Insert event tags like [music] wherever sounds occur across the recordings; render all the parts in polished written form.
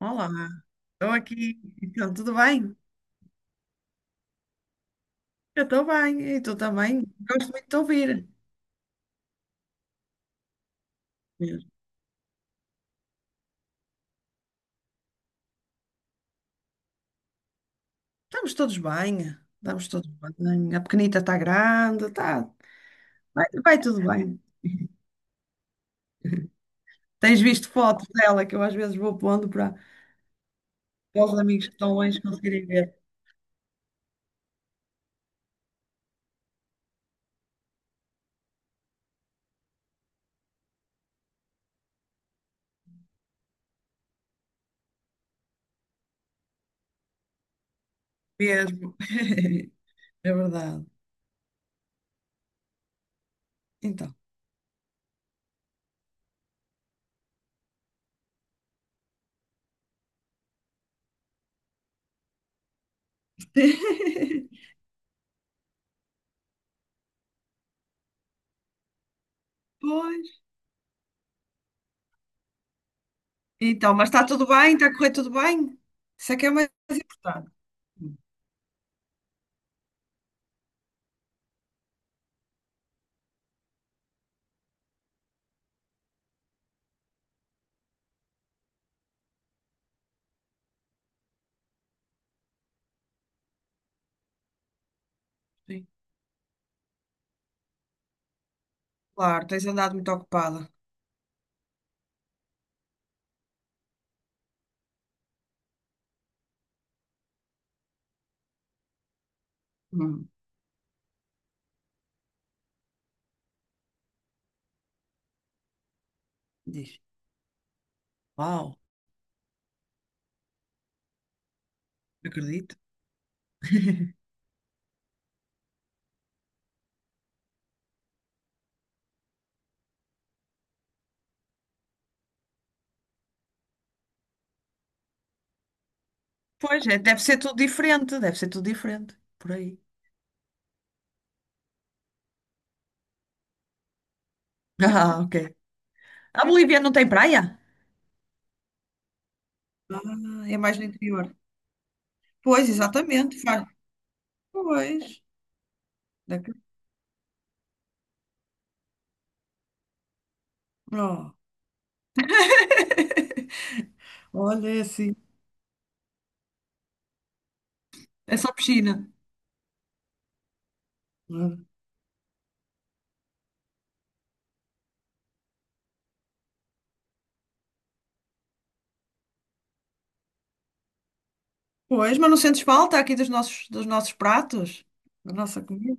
Olá, estou aqui. Então, tudo bem? Eu estou bem, e tu também? Gosto muito de te ouvir. Mesmo. Estamos todos bem, estamos todos bem. A pequenita está grande, tá, vai tudo bem. Tens visto fotos dela que eu às vezes vou pondo para os amigos que estão longe conseguirem ver. Mesmo. [laughs] É verdade. Então. [laughs] Pois. Então, mas está tudo bem? Está a correr tudo bem? Isso é que é mais importante. Sim. Claro, tens andado muito ocupada. Hum, Diz, uau, acredito. Pois é, deve ser tudo diferente, deve ser tudo diferente por aí. [laughs] Ah, ok. A Bolívia não tem praia? Ah, é mais no interior. Pois, exatamente. Faz. Pois, daqui- ó, olha é assim. É só piscina. Né? Pois, mas não sentes falta aqui dos nossos pratos? Da nossa comida.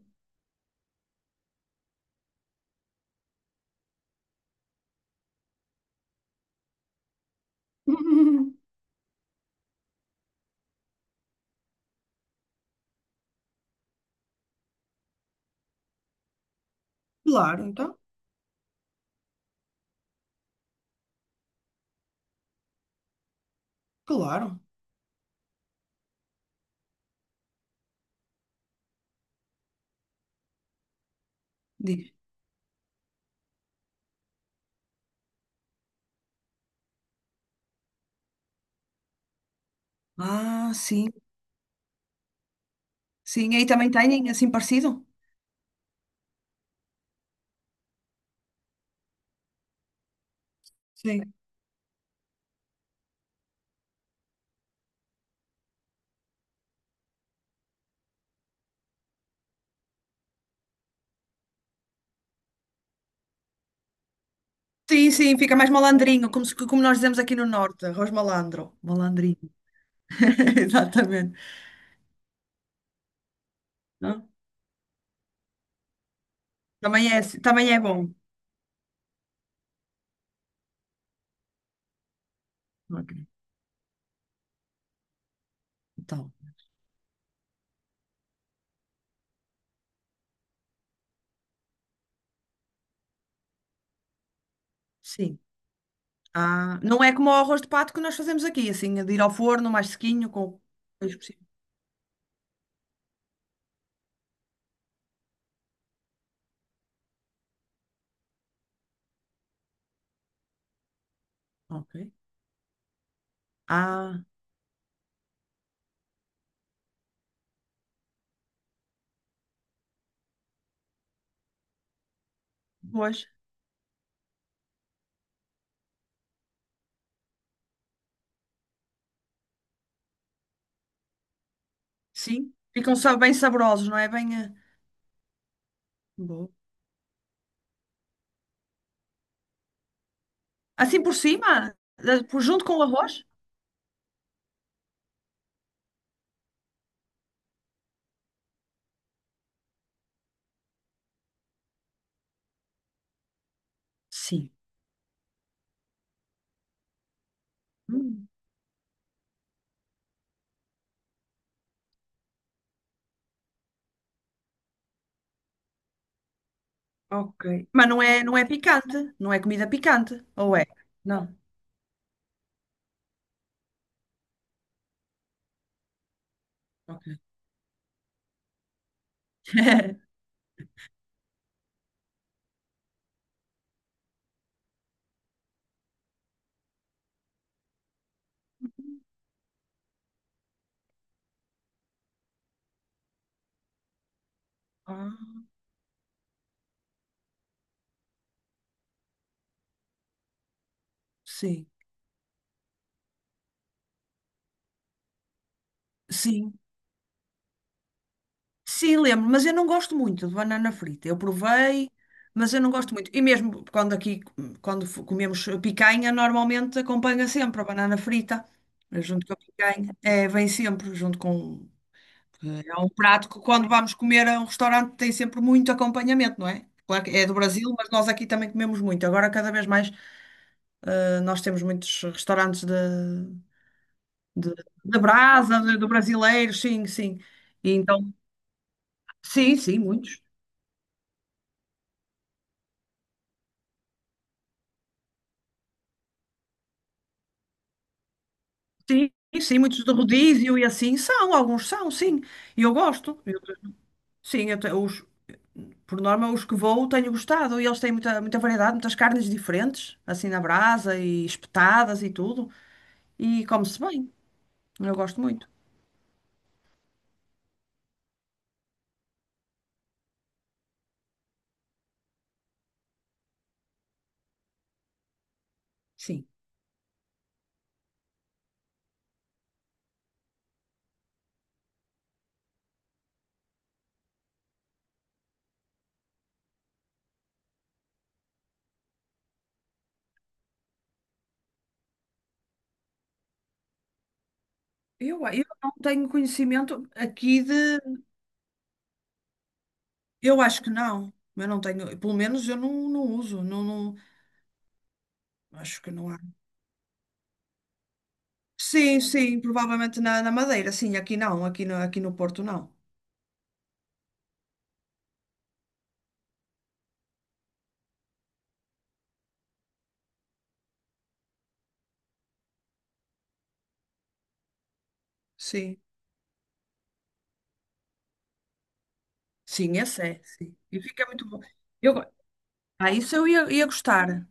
[laughs] Claro, então. Claro, diz. Ah, sim, sim. Aí também têm assim parecido? Sim. Sim, sim, fica mais malandrinho, como, como nós dizemos aqui no norte, arroz malandro. Malandrinho. [laughs] Exatamente. Não? Também é bom. Ok. Então, sim. Ah, não é como o arroz de pato que nós fazemos aqui, assim, de ir ao forno, mais sequinho, com queijo por cima. Ok. Ah, pois, sim. Ficam bem saborosos, não é? Bem, boa. Assim por cima, junto com o arroz? Sim. Ok. Mas não é picante, não é comida picante, ou é? Não. Ok. [laughs] Ah, sim, sim. Sim, lembro, mas eu não gosto muito de banana frita. Eu provei, mas eu não gosto muito. E mesmo quando aqui, quando comemos picanha, normalmente acompanha sempre a banana frita, junto com a picanha. É, vem sempre junto com. É um prato que quando vamos comer a um restaurante tem sempre muito acompanhamento, não é? Claro que é do Brasil, mas nós aqui também comemos muito. Agora cada vez mais. Nós temos muitos restaurantes de, da brasa, do brasileiro, sim, sim. E então, sim, sim, muitos. Sim, sim, muitos de rodízio e assim são, alguns são, sim. E eu gosto. Sim, os, por norma, os que vou tenho gostado. E eles têm muita, muita variedade, muitas carnes diferentes, assim na brasa e espetadas e tudo. E come-se bem. Eu gosto muito. Sim. Eu não tenho conhecimento aqui de. Eu acho que não. Eu não tenho, pelo menos eu não uso. Não, não. Acho que não há. Sim, sim, provavelmente na Madeira, sim, aqui não, aqui no Porto não. Sim, sim, esse é, sim. E fica muito bom. Eu, go- ah, isso eu ia gostar.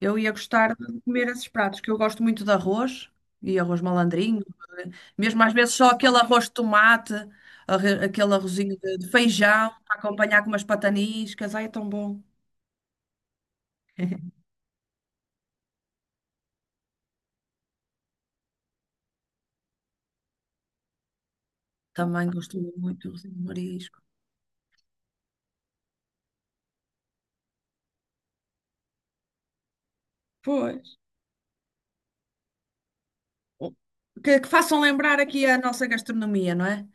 Eu ia gostar de comer esses pratos, que eu gosto muito de arroz, e arroz malandrinho, eh, mesmo às vezes só aquele arroz de tomate, aquele arrozinho de feijão, para acompanhar com umas pataniscas, ai, é tão bom. [laughs] Também gosto muito de arrozinho de marisco. Pois. Que façam lembrar aqui a nossa gastronomia, não é?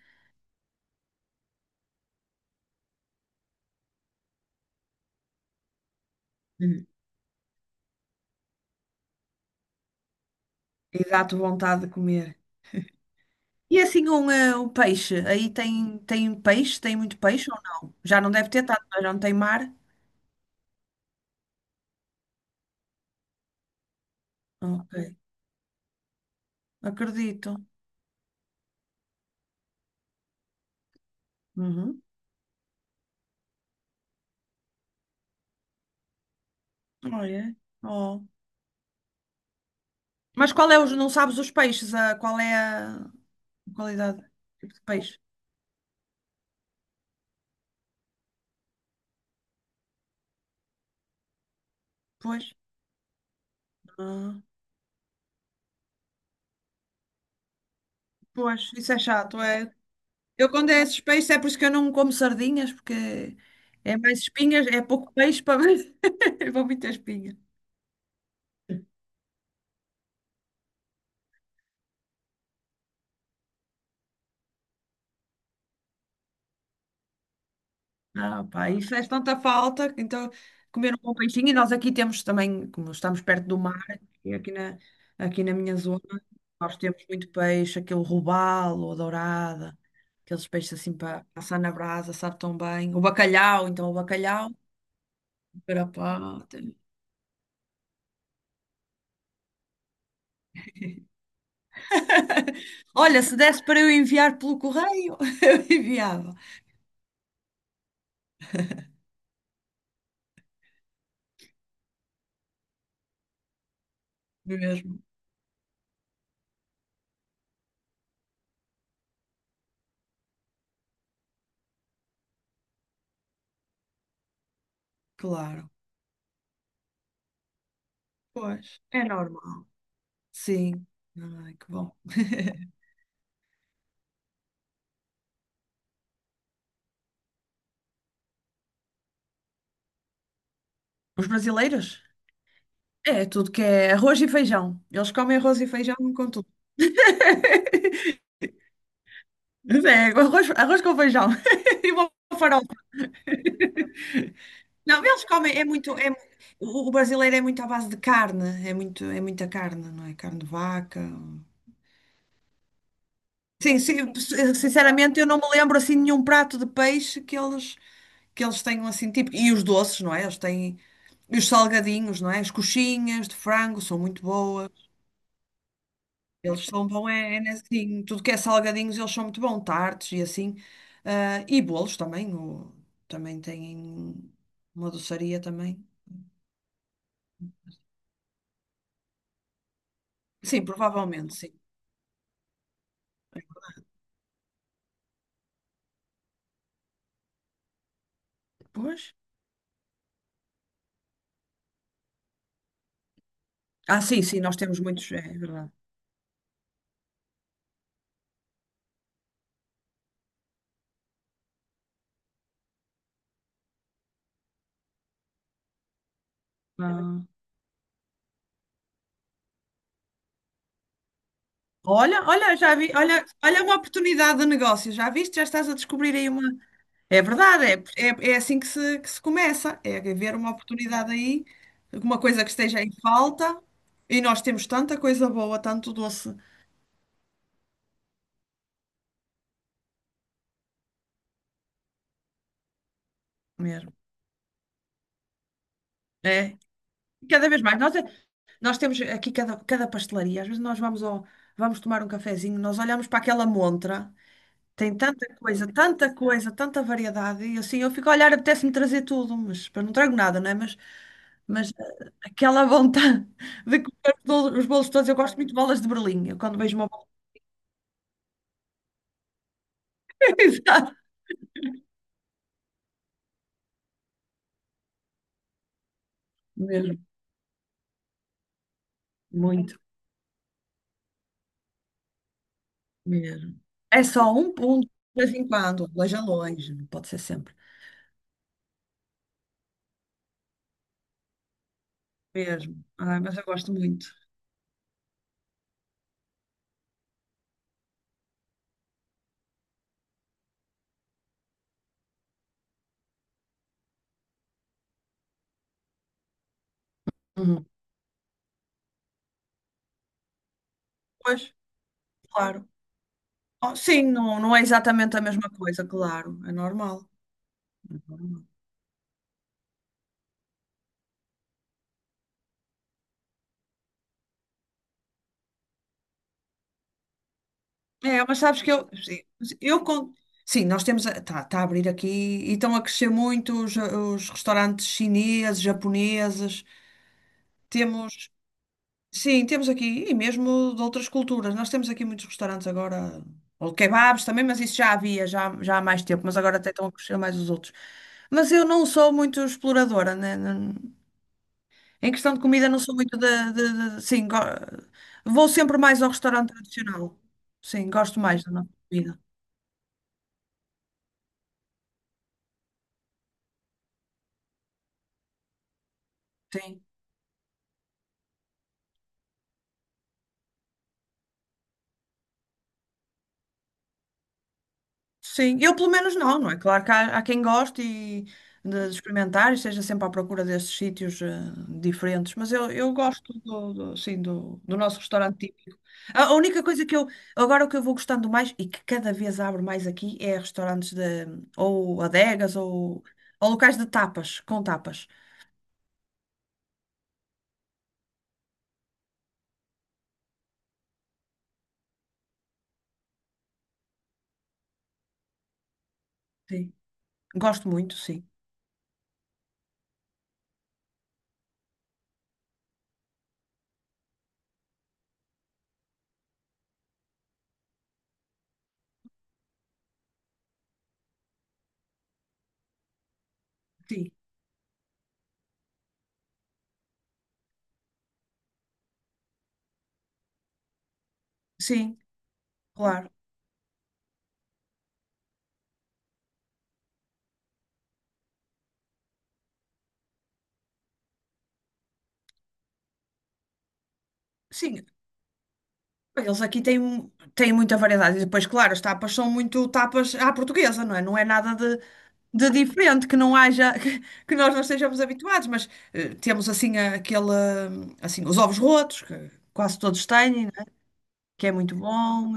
Uhum. Exato, vontade de comer. E é assim um peixe, aí tem, peixe, tem muito peixe ou não? Já não deve ter tanto, mas já não tem mar? Ok, acredito. Uhum. Olha, oh. Mas qual é os, não sabes os peixes, a, qual é a qualidade, tipo de peixe? Pois, ah, pois, isso é chato, é. Eu quando é esses peixes é por isso que eu não como sardinhas, porque é mais espinhas, é pouco peixe para, [laughs] para muita espinha. Ah, pá, isso faz tanta falta. Então, comer um bom peixinho. E nós aqui temos também, como estamos perto do mar, e aqui na minha zona, nós temos muito peixe, aquele robalo, a dourada, aqueles peixes assim para assar na brasa, sabe tão bem. O bacalhau, então, o bacalhau, carapata. Olha, se desse para eu enviar pelo correio, [laughs] eu enviava. Mesmo, claro. Pois, é normal. Sim. Ai, que bom. [laughs] Os brasileiros? É tudo que é arroz e feijão. Eles comem arroz e feijão com tudo. Mas é, arroz com feijão [laughs] e uma farofa. Não, eles comem, é muito, é, o brasileiro é muito à base de carne, é muita carne, não é? Carne de vaca. Sim, sim, sinceramente eu não me lembro assim de nenhum prato de peixe que eles tenham assim tipo e os doces, não é? Eles têm e os salgadinhos, não é? As coxinhas de frango são muito boas. Eles são bom é em tudo que é salgadinhos, eles são muito bons, tartes e assim. Ah, e bolos também, também têm uma doçaria também. Sim, provavelmente, sim. Pois. Ah, sim, sim, nós temos muitos, é verdade. Ah, olha, já vi, olha uma oportunidade de negócio, já viste? Já estás a descobrir aí uma. É verdade, é assim que se, começa, é ver uma oportunidade aí, alguma coisa que esteja em falta, e nós temos tanta coisa boa, tanto doce mesmo. É, e cada vez mais. Nós temos aqui cada pastelaria. Às vezes nós vamos tomar um cafezinho, nós olhamos para aquela montra, tem tanta coisa, tanta coisa, tanta variedade, e assim eu fico a olhar, apetece-me trazer tudo, mas eu não trago nada, não é? Mas, aquela vontade [laughs] de comer os bolos todos, eu gosto muito de bolas de Berlim. Eu quando vejo uma bola. [laughs] Exato. Mesmo, muito, mesmo. É só um ponto, de vez em quando, longe a longe, não pode ser sempre. Mesmo. Ai, mas eu gosto muito. Uhum. Pois. Claro. Oh, sim, não, não é exatamente a mesma coisa, claro. É normal. É, normal. É, mas sabes que eu. Sim, eu, con- sim nós temos. Está a tá- tá a abrir aqui e estão a crescer muito os restaurantes chineses, japoneses. Temos. Sim, temos aqui. E mesmo de outras culturas. Nós temos aqui muitos restaurantes agora. Ou kebabs também, mas isso já há mais tempo. Mas agora até estão a crescer mais os outros. Mas eu não sou muito exploradora, né? Em questão de comida, não sou muito vou sempre mais ao restaurante tradicional. Sim, gosto mais da nossa comida. Sim. Sim, eu pelo menos não, não é? Claro que há, quem goste e de experimentar e esteja sempre à procura desses sítios diferentes, mas eu gosto do nosso restaurante típico. A única coisa que eu, agora o que eu vou gostando mais e que cada vez abro mais aqui é restaurantes ou adegas ou locais de tapas, com tapas. Sim, gosto muito, sim. Sim, sim, claro. Sim, eles aqui têm muita variedade. E depois, claro, as tapas são muito tapas à portuguesa, não é? Não é nada de diferente que não haja, [laughs] que nós não estejamos habituados, mas temos assim aquele, assim, os ovos rotos, que quase todos têm, não é? Que é muito bom.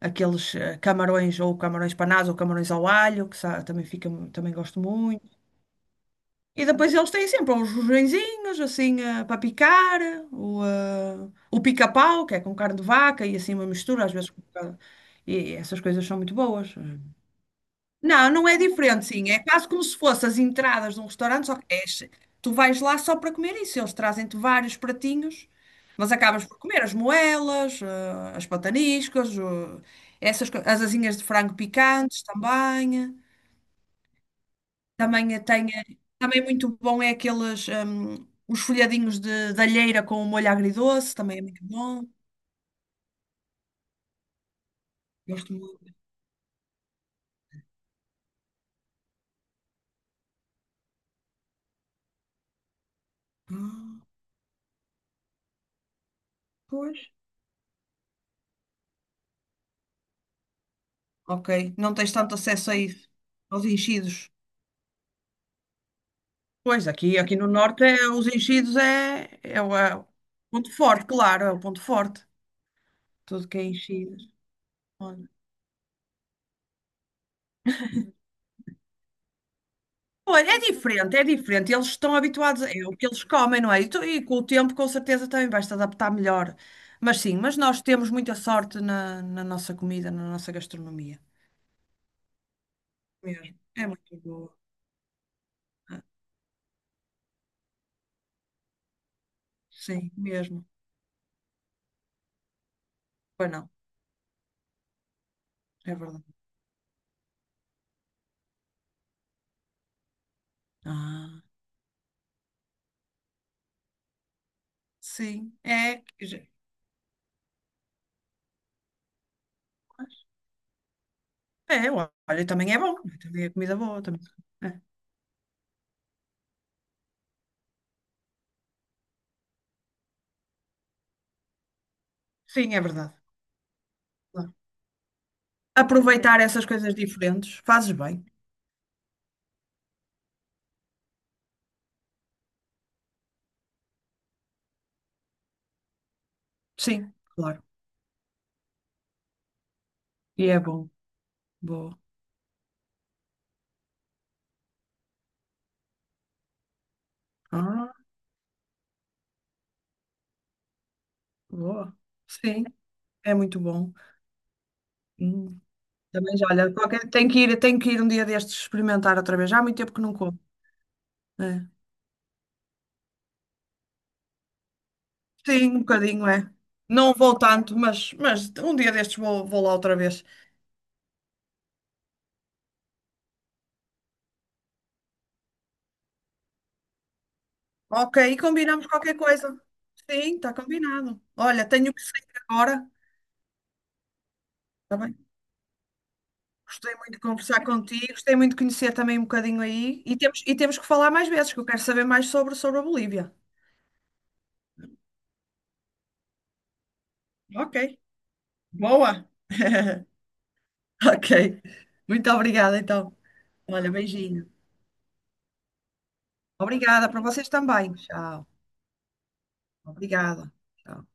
Aqueles camarões ou camarões panados ou camarões ao alho, que também gosto muito. E depois eles têm sempre uns rojõezinhos, assim, para picar, o pica-pau, que é com carne de vaca e assim uma mistura, às vezes. E essas coisas são muito boas. Não, não é diferente, sim. É quase como se fossem as entradas de um restaurante, só tu vais lá só para comer isso. Eles trazem-te vários pratinhos, mas acabas por comer as moelas, as pataniscas, as asinhas de frango picantes também. Também tem, também é muito bom é os folhadinhos de alheira com o molho agridoce, também é muito bom. Gosto muito. Ah, pois. Ok, não tens tanto acesso a isso, aos enchidos. Pois, aqui no norte os enchidos é o ponto forte, claro, é o ponto forte. Tudo que é enchidos. Olha, é diferente, é diferente. Eles estão habituados, é o que eles comem, não é? E com o tempo, com certeza, também vais-te adaptar melhor. Mas sim, mas nós temos muita sorte na nossa comida, na nossa gastronomia. Mesmo. É muito boa. Ah, sim, mesmo. Pois não, é verdade. Ah, sim, é. Quer dizer, é, olha, também é bom. Também é comida boa. Também. É. Sim, é verdade. Claro. Aproveitar essas coisas diferentes, fazes bem. Sim, claro. E é bom. Boa. Ah. Boa. Sim, é muito bom. Hum. Também já, olha, tenho que ir um dia destes experimentar outra vez. Já há muito tempo que não como. É. Sim, um bocadinho, é. Não vou tanto, mas um dia destes vou lá outra vez. Ok, e combinamos qualquer coisa. Sim, está combinado. Olha, tenho que sair agora. Está bem? Gostei muito de conversar contigo, gostei muito de conhecer também um bocadinho aí. E temos que falar mais vezes, que eu quero saber mais sobre a Bolívia. Ok. Boa! [laughs] [laughs] Ok. Muito obrigada, então. Olha, beijinho. Obrigada para vocês também. Tchau. Obrigada. Tchau.